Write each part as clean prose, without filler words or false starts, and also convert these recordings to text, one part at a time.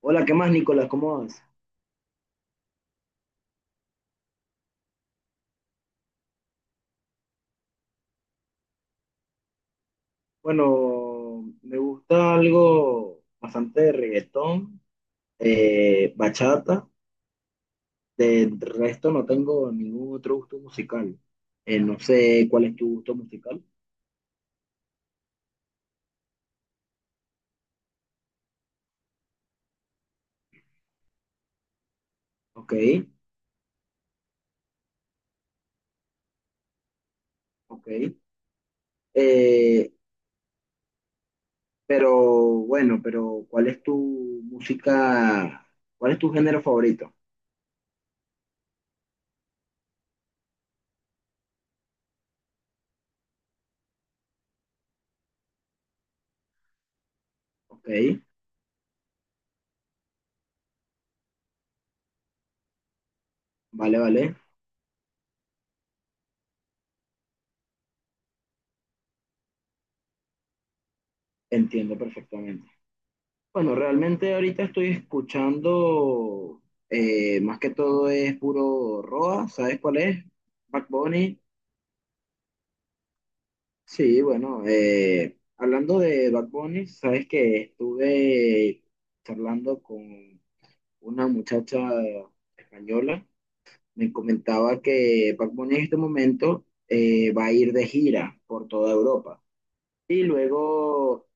Hola, ¿qué más, Nicolás? ¿Cómo vas? Bueno, me gusta algo bastante de reggaetón, bachata. Del resto no tengo ningún otro gusto musical. No sé cuál es tu gusto musical. Ok, ok. Eh, pero bueno, ¿cuál es tu música? ¿Cuál es tu género favorito? Ok, vale, vale. Entiendo perfectamente. Bueno, realmente ahorita estoy escuchando, más que todo es puro Roa, ¿sabes cuál es? Bad Bunny. Sí, bueno, hablando de Bad Bunny, sabes que estuve charlando con una muchacha española, me comentaba que Bad Bunny en este momento va a ir de gira por toda Europa. Y luego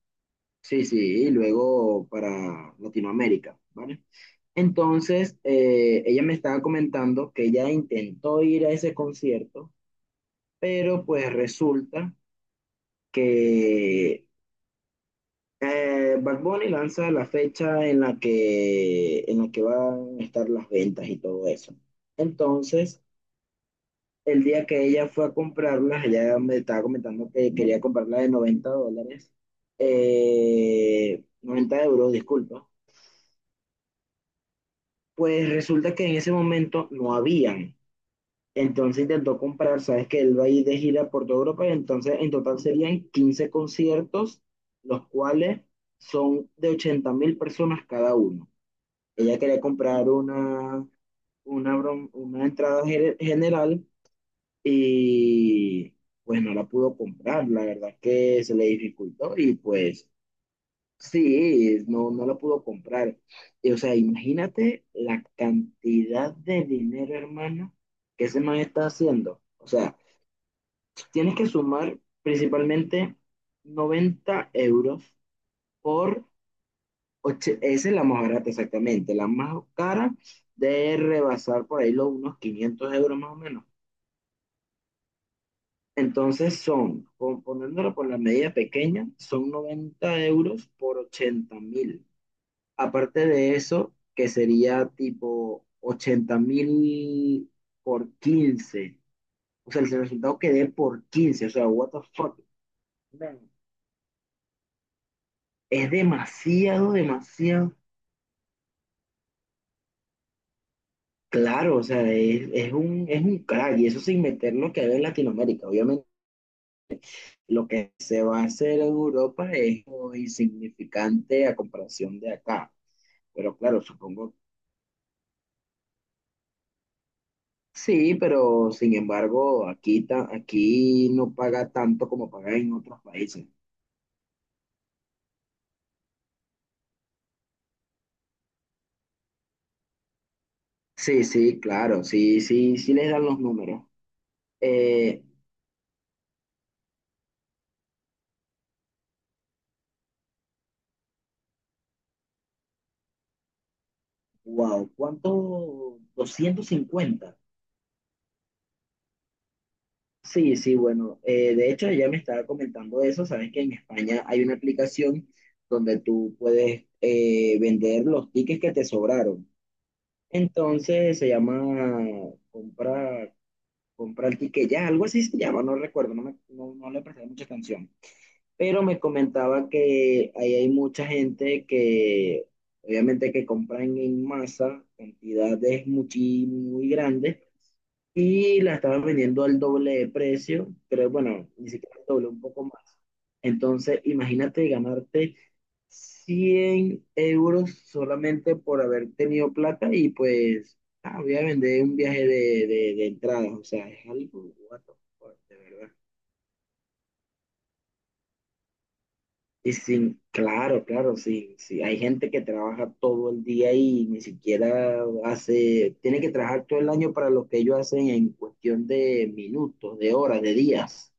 Sí, sí, y luego para Latinoamérica, ¿vale? Entonces, ella me estaba comentando que ella intentó ir a ese concierto, pero pues resulta que Bad Bunny lanza la fecha en la que, van a estar las ventas y todo eso. Entonces, el día que ella fue a comprarlas, ella me estaba comentando que quería comprarla de 90 dólares, 90 euros, disculpa. Pues resulta que en ese momento no habían. Entonces intentó comprar, sabes que él va a ir de gira por toda Europa y entonces en total serían 15 conciertos, los cuales son de 80.000 personas cada uno. Ella quería comprar una entrada general y pues no la pudo comprar. La verdad es que se le dificultó y pues sí, no, no la pudo comprar. Y, o sea, imagínate la cantidad de dinero, hermano, que ese man está haciendo. O sea, tienes que sumar principalmente 90 euros por. Esa es la más barata, exactamente. La más cara de rebasar por ahí los unos 500 euros más o menos. Entonces son, poniéndolo por la medida pequeña, son 90 euros por 80.000. Aparte de eso, que sería tipo 80.000 por 15, o sea, el resultado que dé por 15, o sea, what the fuck, man. Es demasiado, demasiado. Claro, o sea, es un crack. Y eso sin meter lo que hay en Latinoamérica. Obviamente, lo que se va a hacer en Europa es muy insignificante a comparación de acá. Pero claro, supongo. Sí, pero sin embargo, aquí no paga tanto como paga en otros países. Sí, sí, claro, sí, sí, sí les dan los números. Eh, wow, ¿cuánto? 250. Sí, sí, bueno, de hecho ella me estaba comentando eso, saben que en España hay una aplicación donde tú puedes vender los tickets que te sobraron. Entonces se llama compra, Compra el ticket ya, algo así se llama, no recuerdo, no le presté mucha atención, pero me comentaba que ahí hay mucha gente que obviamente que compran en masa, cantidades muy grandes, y la estaban vendiendo al doble de precio, pero bueno, ni siquiera el doble, un poco más. Entonces, imagínate ganarte 100 euros solamente por haber tenido plata y pues, ah, voy a vender un viaje de entradas, o sea, es algo, what the fuck, de verdad. Y sin, claro, claro, sí, sí. Hay gente que trabaja todo el día y ni siquiera hace, tiene que trabajar todo el año para lo que ellos hacen en cuestión de minutos, de horas, de días.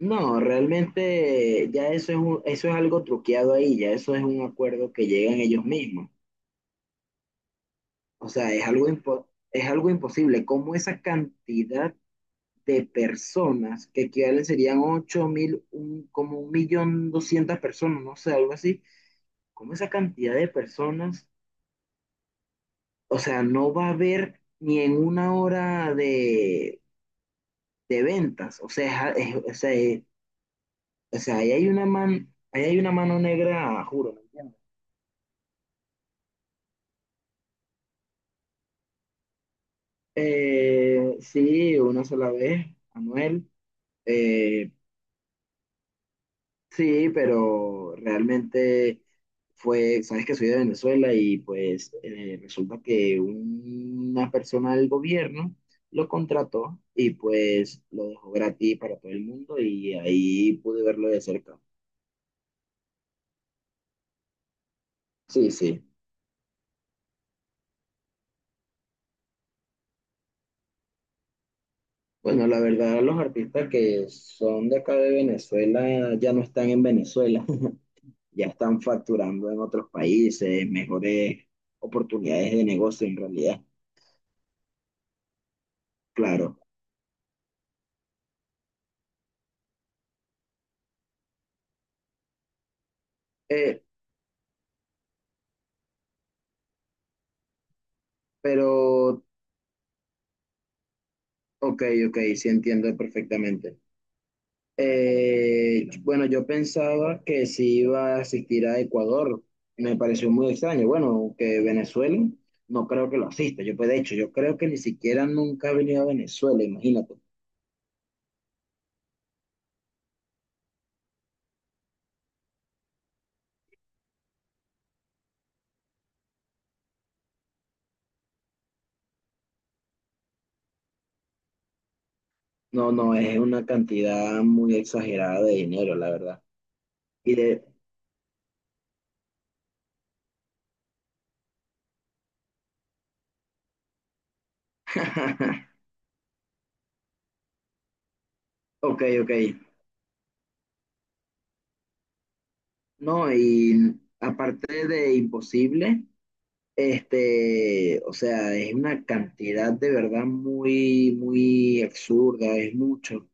No, realmente ya eso es un- eso es algo truqueado ahí, ya eso es un acuerdo que llegan ellos mismos. O sea, es algo imposible. ¿Cómo esa cantidad de personas que equivalen serían 8.000, como 1.200.000 personas, no sé, algo así? Como esa cantidad de personas, o sea, no va a haber ni en una hora de ventas, o sea, o sea, o sea, ahí hay una mano negra, juro, ¿me entiendes? Sí, una sola vez, Manuel. eh, Sí pero realmente fue, sabes que soy de Venezuela y pues resulta que una persona del gobierno lo contrató y pues lo dejó gratis para todo el mundo y ahí pude verlo de cerca. Sí, sí. Bueno, la verdad, los artistas que son de acá de Venezuela ya no están en Venezuela, ya están facturando en otros países, mejores oportunidades de negocio en realidad, claro. Eh, pero Ok, ok, sí entiendo perfectamente. Bueno, yo pensaba que sí iba a asistir a Ecuador. Me pareció muy extraño. Bueno, que Venezuela no creo que lo asista. Yo, pues, de hecho, yo creo que ni siquiera nunca ha venido a Venezuela, imagínate. No, no, es una cantidad muy exagerada de dinero, la verdad. Y de. Ok, ok. No, y aparte de imposible. Este, o sea, es una cantidad de verdad muy, muy absurda, es mucho,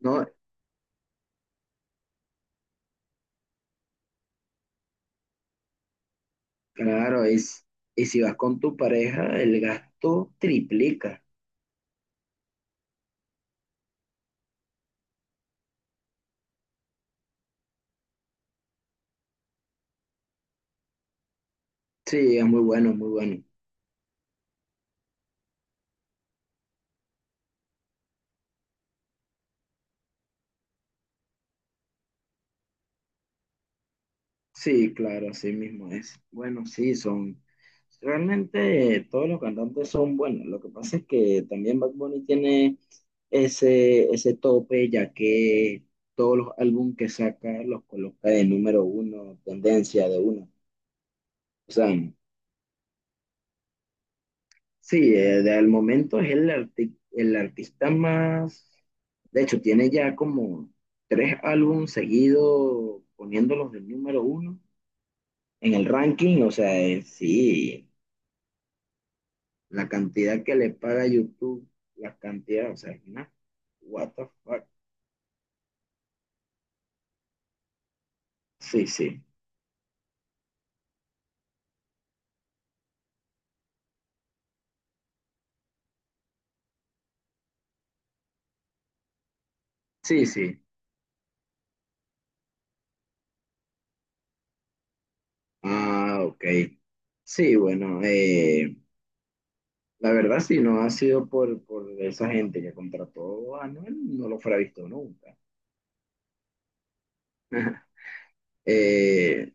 ¿no? Claro, y si vas con tu pareja, el gasto triplica. Sí, es muy bueno, muy bueno. Sí, claro, así mismo es. Bueno, sí, realmente todos los cantantes son buenos. Lo que pasa es que también Bad Bunny tiene ese tope, ya que todos los álbumes que saca los coloca de número uno, tendencia de uno. O sea, sí, de al momento es el artista más, de hecho, tiene ya como tres álbumes seguidos poniéndolos del número uno en el ranking, o sea, sí, la cantidad que le paga YouTube, la cantidad, o sea, es una, what the fuck, sí, sí, sí, sí, ah, ok, sí, bueno, la verdad sí, no ha sido por, esa gente que contrató a Anuel, no lo fuera visto nunca. Eh,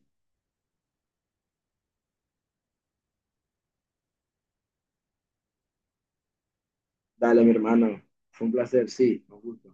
dale, mi hermano. Fue un placer, sí, nos gusta.